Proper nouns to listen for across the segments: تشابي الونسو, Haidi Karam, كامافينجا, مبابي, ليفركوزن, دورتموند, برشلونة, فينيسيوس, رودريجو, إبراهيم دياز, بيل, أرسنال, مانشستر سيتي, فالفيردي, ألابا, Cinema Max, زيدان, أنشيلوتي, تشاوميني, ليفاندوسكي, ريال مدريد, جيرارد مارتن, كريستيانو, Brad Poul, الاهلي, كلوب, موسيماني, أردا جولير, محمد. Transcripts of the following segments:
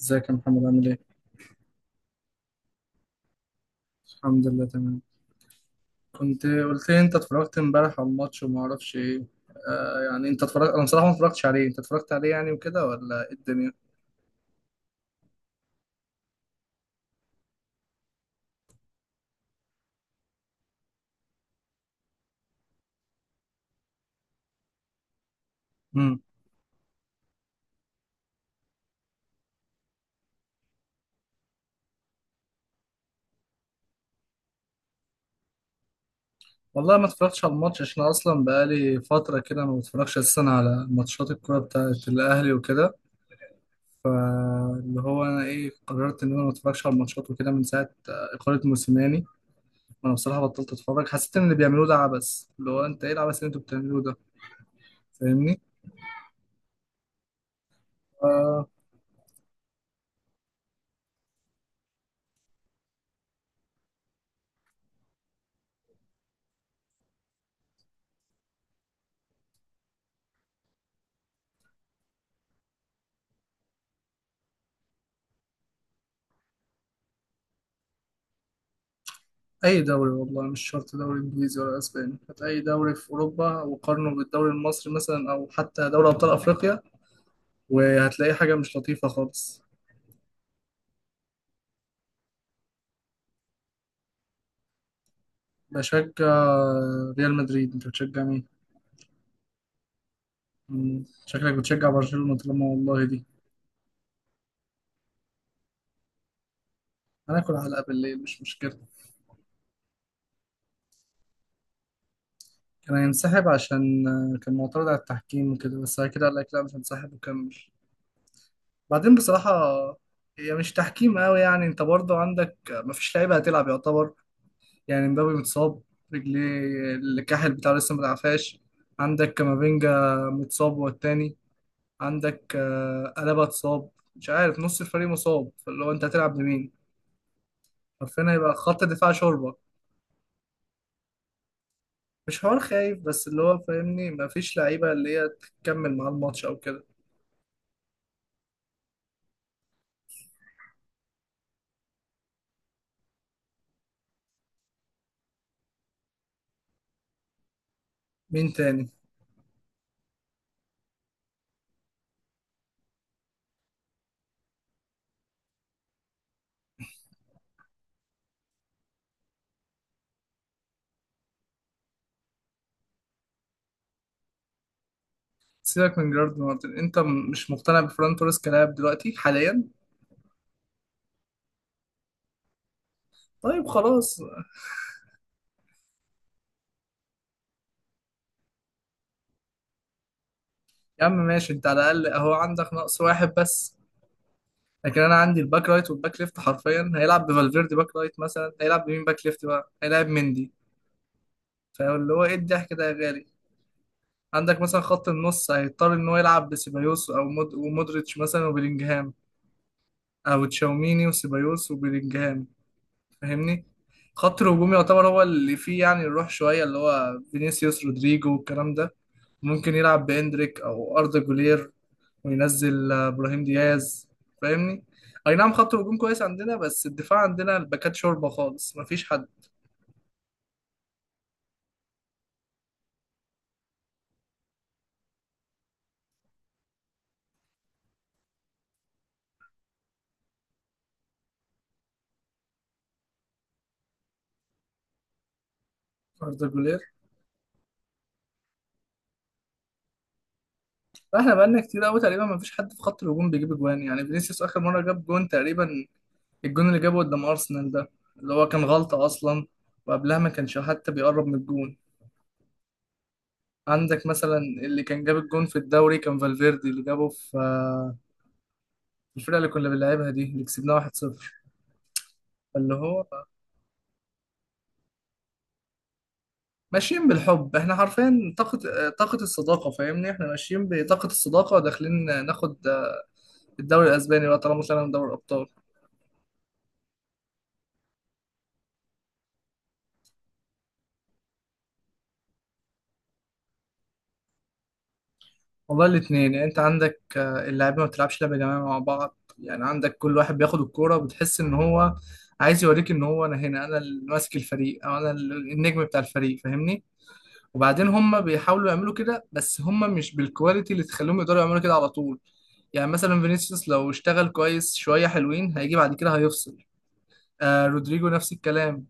ازيك يا محمد؟ عامل ايه؟ الحمد لله تمام. كنت قلت لي انت اتفرجت امبارح على الماتش وما اعرفش ايه. يعني انت اتفرجت، انا بصراحه ما اتفرجتش عليه، انت اتفرجت عليه يعني وكده ولا ايه الدنيا؟ امم. والله ما اتفرجتش على الماتش عشان أنا اصلا بقالي فتره كده ما بتفرجش اساسا على ماتشات الكوره بتاعت الاهلي وكده. فاللي هو انا ايه، قررت ان انا ما اتفرجش على الماتشات وكده من ساعه اقاله موسيماني. وانا بصراحه بطلت اتفرج، حسيت ان اللي بيعملوه ده عبث، اللي هو انت ايه العبث اللي انتوا بتعملوه ده؟ فاهمني؟ أي دوري، والله مش شرط دوري إنجليزي ولا أسباني، هات أي دوري في أوروبا وقارنه بالدوري المصري مثلا، أو حتى دوري أبطال أفريقيا، وهتلاقي حاجة مش لطيفة خالص. بشجع ريال مدريد. أنت بتشجع مين؟ مم، شكلك بتشجع برشلونة طالما والله دي. هناكل علقة بالليل، مش مشكلة. كان هينسحب عشان كان معترض على التحكيم وكده، بس بعد كده قال لك لا، مش هنسحب وكمل. بعدين بصراحة، هي مش تحكيم قوي يعني، انت برضو عندك مفيش لعيبة هتلعب يعتبر. يعني مبابي متصاب، رجليه، الكاحل بتاعه لسه ما تعفاش. عندك كامافينجا متصاب هو التاني. عندك ألابا اتصاب. مش عارف، نص الفريق مصاب، فاللي هو انت هتلعب بمين؟ عارفين هيبقى خط الدفاع شوربة. مش حوار خايف بس، اللي هو فاهمني، مفيش لعيبة اللي هي تكمل معاه الماتش أو كده. مين تاني؟ سيبك من جيرارد مارتن. انت مش مقتنع بفران توريس كلاعب دلوقتي حاليا؟ طيب خلاص. يا عم ماشي، انت على الأقل اهو عندك نقص واحد بس، لكن انا عندي الباك رايت والباك ليفت حرفيا، هيلعب بفالفيردي باك رايت، مثلا هيلعب بمين باك ليفت؟ بقى هيلعب مندي. فاللي هو ايه الضحك ده يا غالي؟ عندك مثلا خط النص هيضطر ان هو يلعب بسيبايوس او مود ومودريتش مثلا وبيلينجهام، او تشاوميني وسيبايوس وبيلينجهام، فاهمني. خط الهجوم يعتبر هو اللي فيه يعني الروح شوية، اللي هو فينيسيوس رودريجو والكلام ده. ممكن يلعب بإندريك أو أردا جولير، وينزل إبراهيم دياز، فاهمني. أي نعم، خط الهجوم كويس عندنا، بس الدفاع عندنا الباكات شوربة خالص، مفيش حد. أردا جولير. فاحنا بقالنا كتير قوي تقريبا مفيش حد في خط الهجوم بيجيب جوان، يعني فينيسيوس آخر مرة جاب جون تقريبا، الجون اللي جابه قدام أرسنال ده، اللي هو كان غلطة أصلا. وقبلها ما كانش حتى بيقرب من الجون. عندك مثلا اللي كان جاب الجون في الدوري كان فالفيردي، اللي جابه في الفرقه اللي كنا بنلعبها دي، اللي كسبناها 1-0. اللي هو ماشيين بالحب، احنا حرفيا طاقه، طاقه الصداقه، فاهمني، احنا ماشيين بطاقه الصداقه، وداخلين ناخد الدوري الاسباني بقى طالما طلعنا من دوري الابطال. والله الاثنين، يعني انت عندك اللاعبين ما بتلعبش لعبه جماعيه مع بعض. يعني عندك كل واحد بياخد الكوره، بتحس ان هو عايز يوريك ان هو انا هنا، انا اللي ماسك الفريق او انا النجم بتاع الفريق، فاهمني. وبعدين هم بيحاولوا يعملوا كده بس هم مش بالكواليتي اللي تخليهم يقدروا يعملوا كده على طول. يعني مثلا فينيسيوس لو اشتغل كويس شويه حلوين، هيجي بعد كده هيفصل. آه رودريجو نفس الكلام،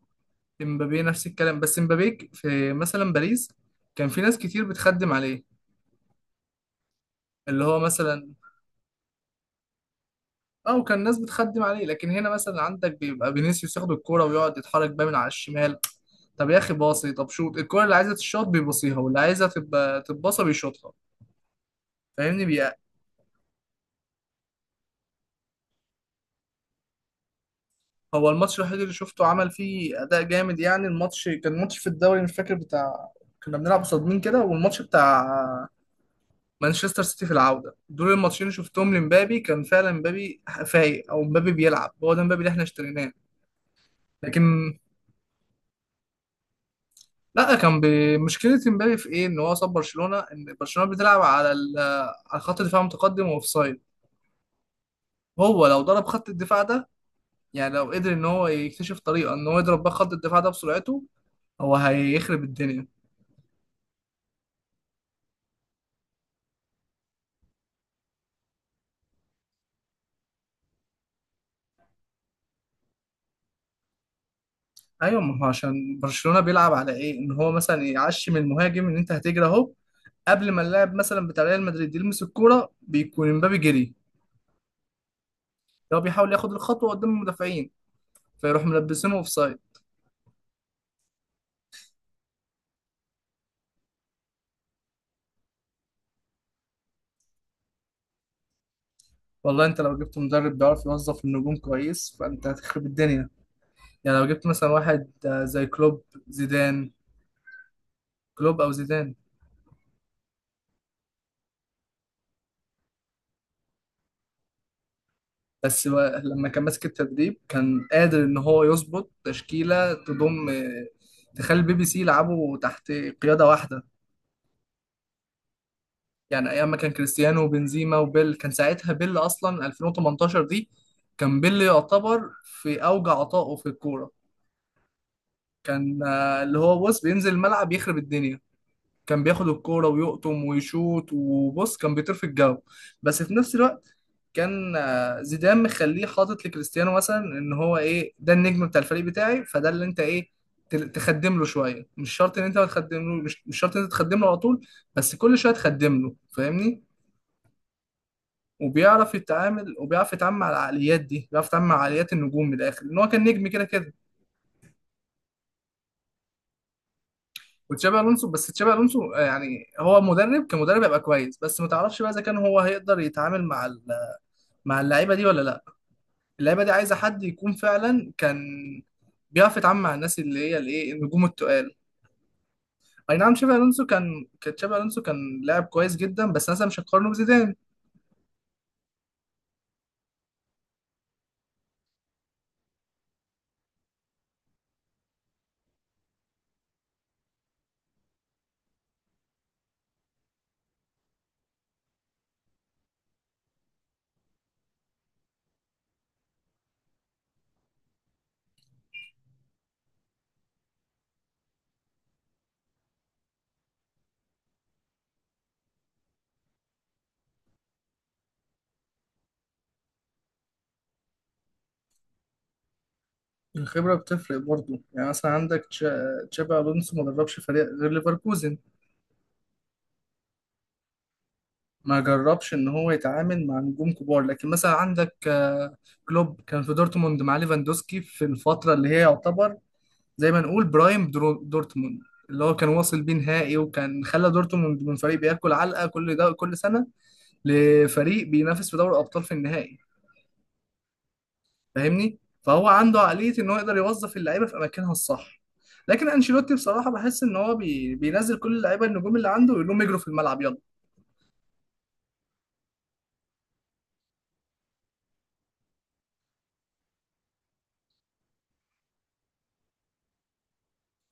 امبابي نفس الكلام، بس امبابي في مثلا باريس كان في ناس كتير بتخدم عليه، اللي هو مثلا. اه، وكان ناس بتخدم عليه، لكن هنا مثلا عندك بيبقى فينيسيوس ياخد الكوره ويقعد يتحرك بقى من على الشمال. طب يا اخي باصي، طب شوط، الكوره اللي عايزه تتشوط بيبصيها واللي عايزه تبقى تتباصى بيشوطها، فاهمني. هو الماتش الوحيد اللي شفته عمل فيه اداء جامد، يعني الماتش كان ماتش في الدوري مش فاكر بتاع، كنا بنلعب قصاد مين كده، والماتش بتاع مانشستر سيتي في العوده، دول الماتشين اللي شفتهم لمبابي كان فعلا مبابي فايق، او مبابي بيلعب، هو ده مبابي اللي احنا اشتريناه. لكن لا، كان بمشكله. مبابي في ايه؟ ان هو صاب برشلونه، ان برشلونه بتلعب على على خط دفاع متقدم واوفسايد. هو لو ضرب خط الدفاع ده، يعني لو قدر ان هو يكتشف طريقه ان هو يضرب بقى خط الدفاع ده بسرعته، هو هيخرب الدنيا. ايوه ما هو عشان برشلونه بيلعب على ايه ان هو مثلا يعشم المهاجم ان انت هتجري اهو، قبل ما اللاعب مثلا بتاع ريال مدريد يلمس الكوره بيكون امبابي جري، لو بيحاول ياخد الخطوه قدام المدافعين، فيروح ملبسينه اوف سايد. والله انت لو جبت مدرب بيعرف يوظف النجوم كويس، فانت هتخرب الدنيا. يعني لو جبت مثلا واحد زي كلوب، زيدان. كلوب او زيدان. بس هو لما كان ماسك التدريب كان قادر ان هو يظبط تشكيله تضم تخلي البي بي سي يلعبوا تحت قياده واحده. يعني ايام ما كان كريستيانو وبنزيما وبيل، كان ساعتها بيل اصلا 2018 دي كان بيل يعتبر في اوج عطائه في الكوره، كان اللي هو، بص، بينزل الملعب يخرب الدنيا، كان بياخد الكوره ويقطم ويشوط، وبص كان بيطير في الجو. بس في نفس الوقت، كان زيدان مخليه حاطط لكريستيانو مثلا ان هو ايه ده النجم بتاع الفريق بتاعي، فده اللي انت ايه، تخدم له شويه، مش شرط ان انت ما تخدم له، مش شرط ان انت تخدم له على طول، بس كل شويه تخدم له، فاهمني. وبيعرف يتعامل مع العقليات دي، بيعرف يتعامل مع عقليات النجوم، من الاخر ان هو كان نجم كده كده. وتشابي الونسو، بس تشابي الونسو يعني هو مدرب، كمدرب هيبقى كويس، بس ما تعرفش بقى اذا كان هو هيقدر يتعامل مع مع اللعيبه دي ولا لا. اللعيبه دي عايزه حد يكون فعلا كان بيعرف يتعامل مع الناس، اللي هي الايه، النجوم التقال. اي نعم تشابي الونسو كان تشابي الونسو كان لاعب كويس جدا، بس مثلا مش هتقارنه بزيدان. الخبره بتفرق برضه، يعني مثلا عندك تشابي الونسو ما دربش فريق غير ليفركوزن، ما جربش ان هو يتعامل مع نجوم كبار. لكن مثلا عندك كلوب، كان في دورتموند مع ليفاندوسكي في الفتره اللي هي يعتبر زي ما نقول برايم دورتموند، اللي هو كان واصل بيه نهائي، وكان خلى دورتموند من فريق بياكل علقه كل ده كل سنه لفريق بينافس في دوري الابطال في النهائي، فاهمني. فهو عنده عقليه ان هو يقدر يوظف اللعيبه في اماكنها الصح. لكن انشيلوتي بصراحه بحس ان هو بينزل كل اللعيبه النجوم اللي عنده ويقول لهم اجروا في الملعب يلا.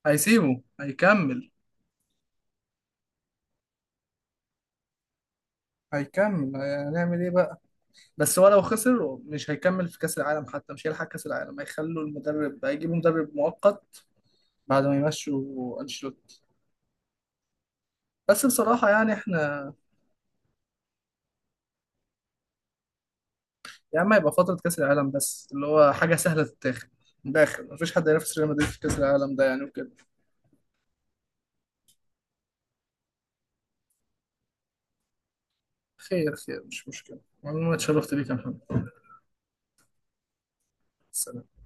هيسيبه هيكمل هنعمل ايه بقى؟ بس هو لو خسر مش هيكمل، في كأس العالم حتى مش هيلحق كأس العالم، هيخلوا المدرب، هيجيبوا مدرب مؤقت بعد ما يمشوا أنشيلوتي. بس بصراحة يعني احنا، يا عم هيبقى فترة كأس العالم بس، اللي هو حاجة سهلة تتاخد، من الآخر مفيش حد هينافس ريال مدريد في كأس العالم ده يعني وكده. خير خير، مش مشكلة، والله اتشرفت بيك يا محمد. سلام.